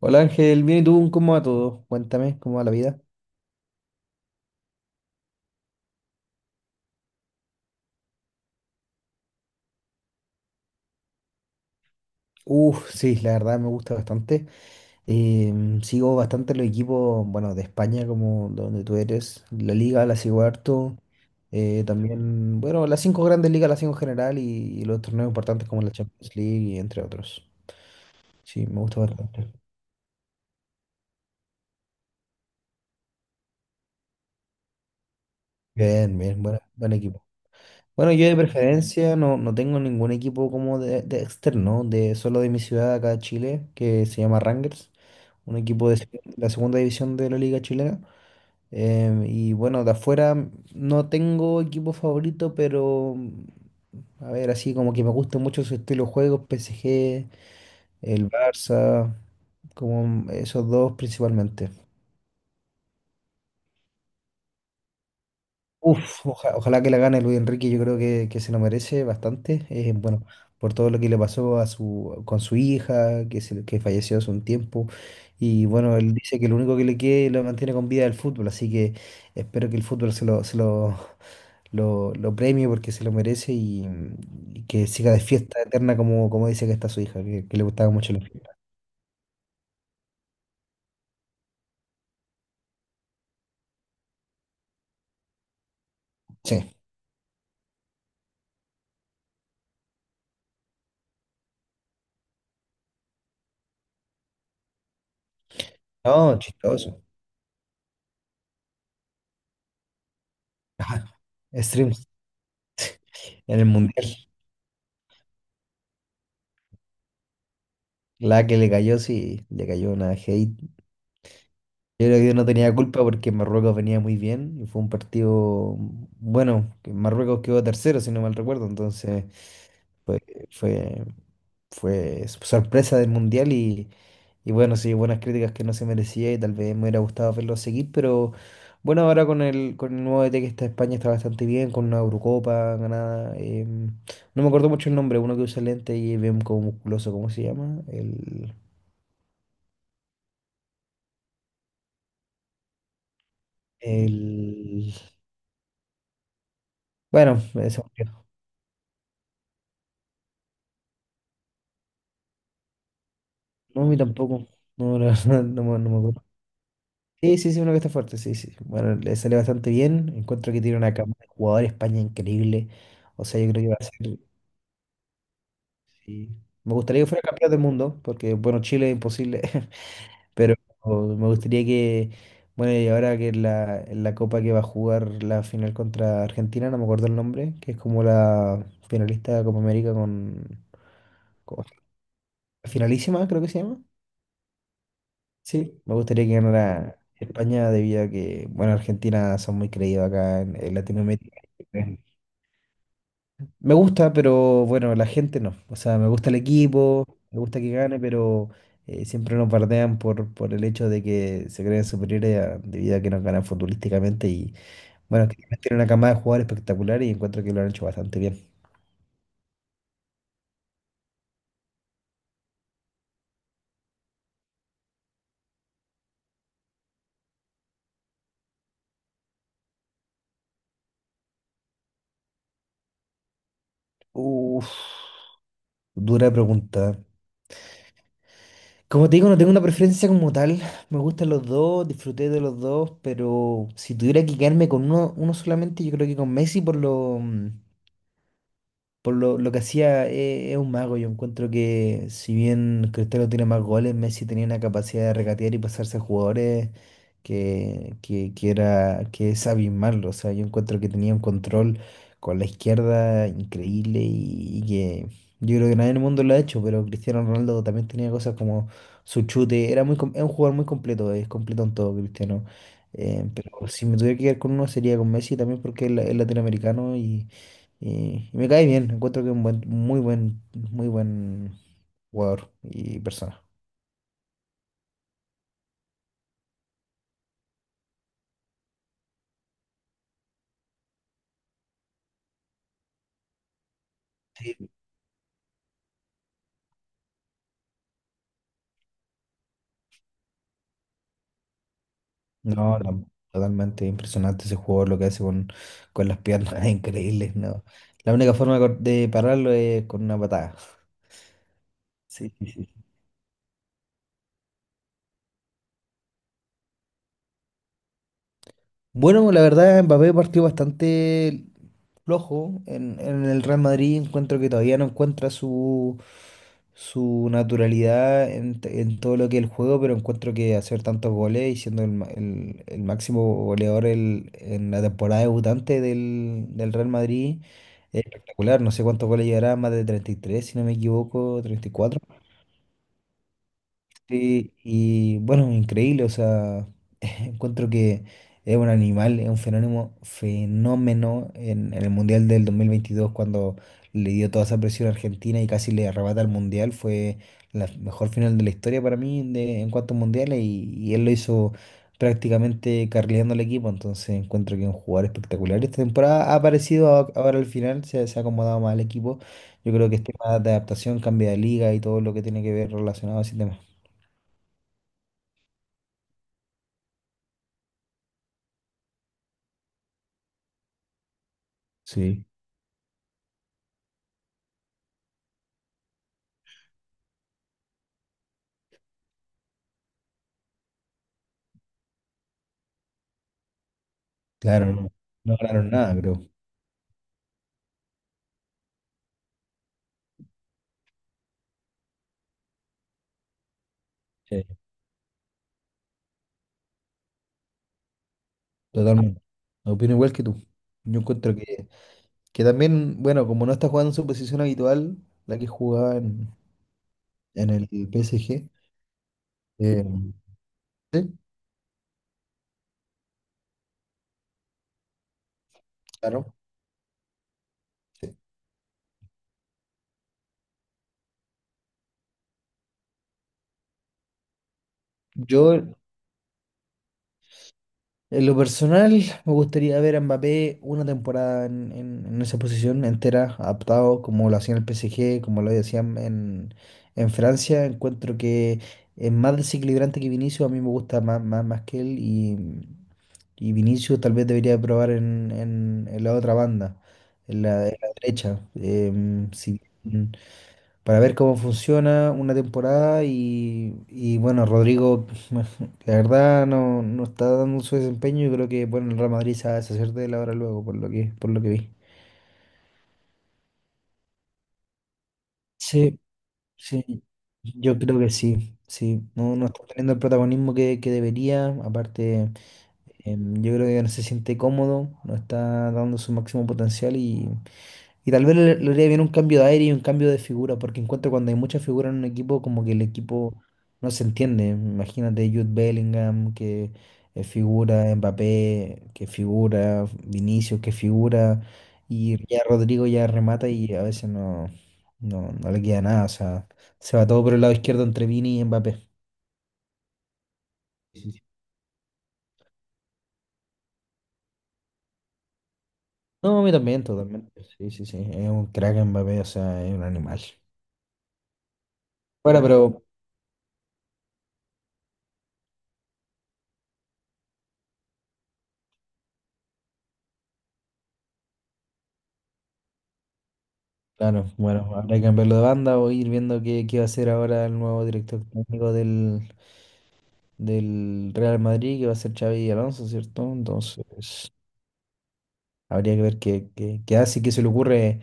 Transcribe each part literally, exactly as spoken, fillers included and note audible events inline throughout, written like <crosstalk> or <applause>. Hola Ángel, bien y tú, ¿cómo va todo? Cuéntame, ¿cómo va la vida? Uf, sí, la verdad me gusta bastante. Em, sigo bastante los equipos, bueno, de España, como de donde tú eres. La Liga la sigo harto. Eh, también, bueno, las cinco grandes ligas las sigo en general y, y los torneos importantes como la Champions League y entre otros. Sí, me gusta bastante. Bien, bien, buena- buen equipo. Bueno, yo de preferencia no, no tengo ningún equipo como de, de externo, de solo de mi ciudad acá de Chile, que se llama Rangers. Un equipo de la segunda división de la Liga Chilena. Em, y bueno, de afuera no tengo equipo favorito, pero a ver, así como que me gusta mucho su estilo de juego, P S G, el Barça, como esos dos principalmente. Uf, oja- ojalá que la gane Luis Enrique, yo creo que, que se lo merece bastante. Eh, bueno, por todo lo que le pasó a su, con su hija, que, se, que falleció hace un tiempo. Y bueno, él dice que lo único que le queda y lo mantiene con vida es el fútbol, así que espero que el fútbol se lo, se lo, lo, lo premie porque se lo merece y, y que siga de fiesta eterna como, como dice que está su hija, que, que le gustaba mucho la fiesta. Sí, no, chistoso. Streams en el mundial. La que le cayó, sí, le cayó una hate. Yo creo que no tenía culpa porque Marruecos venía muy bien y fue un partido bueno, que Marruecos quedó tercero, si no mal recuerdo, entonces fue, fue, fue sorpresa del Mundial y, y bueno, sí, buenas críticas que no se merecía y tal vez me hubiera gustado verlo seguir, pero bueno, ahora con el, con el nuevo D T que está en España está bastante bien, con una Eurocopa ganada, em, no me acuerdo mucho el nombre, uno que usa lente y ve como musculoso, ¿cómo se llama? El... El... Bueno, eso. No, a mí tampoco. No, la <laughs> verdad, no, me no me acuerdo. Sí, sí, sí, uno que está fuerte, sí, sí. Bueno, le sale bastante bien. Encuentro que tiene una cama de jugadores España increíble. O sea, yo creo que va a ser. Sí. Me gustaría que fuera campeón del mundo, porque, bueno, Chile es imposible. <laughs> Pero me gustaría que. Bueno, y ahora que en la, en la copa que va a jugar la final contra Argentina, no me acuerdo el nombre, que es como la finalista de Copa América con. con- Finalísima, creo que se llama. Sí, me gustaría que ganara España debido a que, bueno, Argentina son muy creídos acá en, en Latinoamérica. Eh, Me gusta, pero bueno, la gente no. O sea, me gusta el equipo, me gusta que gane, pero eh, siempre nos bardean por, por el hecho de que se creen superiores a- debido a que nos ganan futbolísticamente. Y bueno, que tiene una camada de jugadores espectacular y encuentro que lo han hecho bastante bien. Uf, dura pregunta. Como te digo, no tengo una preferencia como tal. Me gustan los dos, disfruté de los dos, pero si tuviera que quedarme con uno, uno solamente, yo creo que con Messi por lo, mm, por lo, lo que hacía eh, es un mago. Yo encuentro que si bien Cristiano tiene más goles, Messi tenía una capacidad de regatear y pasarse a jugadores que, que, que era, que es abismarlo. O sea, yo encuentro que tenía un control con la izquierda increíble y, y que yo creo que nadie en el mundo lo ha hecho, pero Cristiano Ronaldo también tenía cosas como su chute. Era muy, com- es un jugador muy completo, es completo en todo, Cristiano. Eh, pero si me tuviera que quedar con uno sería con Messi también porque es la- es latinoamericano y, y me cae bien, encuentro que es un buen, muy buen, muy buen jugador y persona. Sí. No, la- totalmente impresionante ese jugador, lo que hace con, con las piernas, <laughs> es increíble, no. La única forma de cor- de pararlo es con una patada. Sí, sí, sí. Bueno, la verdad, Mbappé partió bastante flojo en, en el Real Madrid. Encuentro que todavía no encuentra su, su naturalidad en, t- en todo lo que es el juego, pero encuentro que hacer tantos goles y siendo el, ma- el- el máximo goleador el- en la temporada debutante del, del Real Madrid es espectacular. No sé cuántos goles llegará, más de treinta y tres, si no me equivoco, treinta y cuatro. Sí, y bueno, increíble, o sea. Encuentro que es un animal, es un fenómeno, fenómeno en, en el Mundial del dos mil veintidós cuando le dio toda esa presión a Argentina y casi le arrebata el Mundial. Fue la mejor final de la historia para mí de- en cuanto a mundiales y, y él lo hizo prácticamente carrileando al equipo. Entonces encuentro que es un jugador espectacular. Esta temporada ha aparecido a- ahora al final, se, se ha acomodado más al equipo. Yo creo que es tema de adaptación, cambio de liga y todo lo que tiene que ver relacionado a ese tema. Sí. Claro, no, no ganaron nada, creo. Totalmente. Opino igual que tú. Yo encuentro que, que también, bueno, como no está jugando en su posición habitual, la que jugaba en, en el P S G, eh, sí, claro. Sí. Yo En lo personal, me gustaría ver a Mbappé una temporada en, en- en esa posición entera, adaptado como lo hacía en el P S G, como lo hacían en, en Francia. Encuentro que es más desequilibrante que Vinicius, a mí me gusta más, más, más que él y, y Vinicius tal vez debería probar en, en- en la otra banda, en la, en la derecha. Em, si para ver cómo funciona una temporada y, y, bueno, Rodrigo, <laughs> la verdad no, no está dando su desempeño y creo que bueno, el Real Madrid se va a deshacer de él ahora luego, por lo que, por lo que vi. Sí, sí, yo creo que sí, sí, no, no está teniendo el protagonismo que, que debería, aparte. Em, yo creo que no se siente cómodo, no está dando su máximo potencial y, y tal vez le, le haría bien un cambio de aire y un cambio de figura, porque encuentro cuando hay mucha figura en un equipo, como que el equipo no se entiende. Imagínate Jude Bellingham, que eh, figura, Mbappé, que figura, Vinicius, que figura, y ya Rodrigo ya remata y a veces no, no, no le queda nada, o sea, se va todo por el lado izquierdo entre Vini y Mbappé. No, a mí también, totalmente. Sí, sí, sí. Es un crack en Mbappé, o sea, es un animal. Bueno, pero, claro, bueno, habrá que cambiarlo de banda o ir viendo qué, qué va a ser ahora el nuevo director técnico del, del Real Madrid, que va a ser Xavi Alonso, ¿cierto? Entonces, habría que ver qué, qué, qué hace, y qué se le ocurre,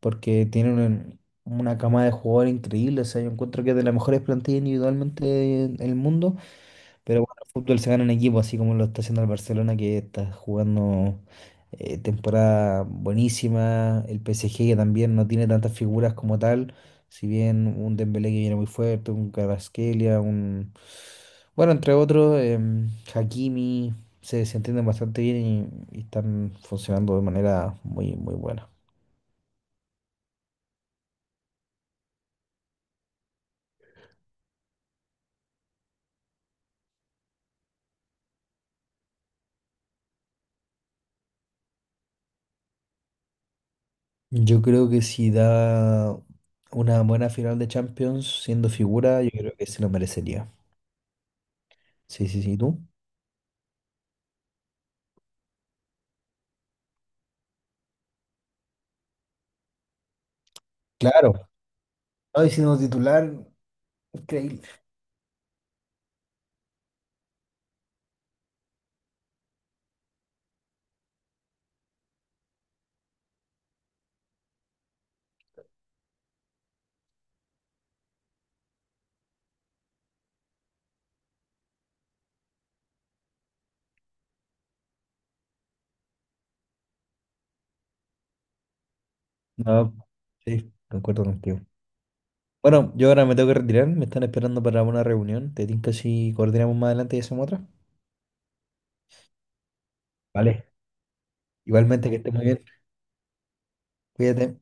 porque tiene una, una cama de jugadores increíble. O sea, yo encuentro que es de las mejores plantillas individualmente del mundo. Pero bueno, el fútbol se gana en equipo, así como lo está haciendo el Barcelona, que está jugando eh, temporada buenísima. El P S G, que también no tiene tantas figuras como tal. Si bien un Dembélé que viene muy fuerte, un Kvaratskhelia, un... Bueno, entre otros, em, Hakimi, se, se entienden bastante bien y, y están funcionando de manera muy, muy buena. Yo creo que si da una buena final de Champions siendo figura, yo creo que se lo merecería. Sí, sí, sí, ¿y tú? Claro, hoy siendo titular, increíble. No, sí, concuerdo contigo. Bueno, yo ahora me tengo que retirar, me están esperando para una reunión. Te tinca si coordinamos más adelante y hacemos otra. Vale. Igualmente que estés muy bien. Cuídate.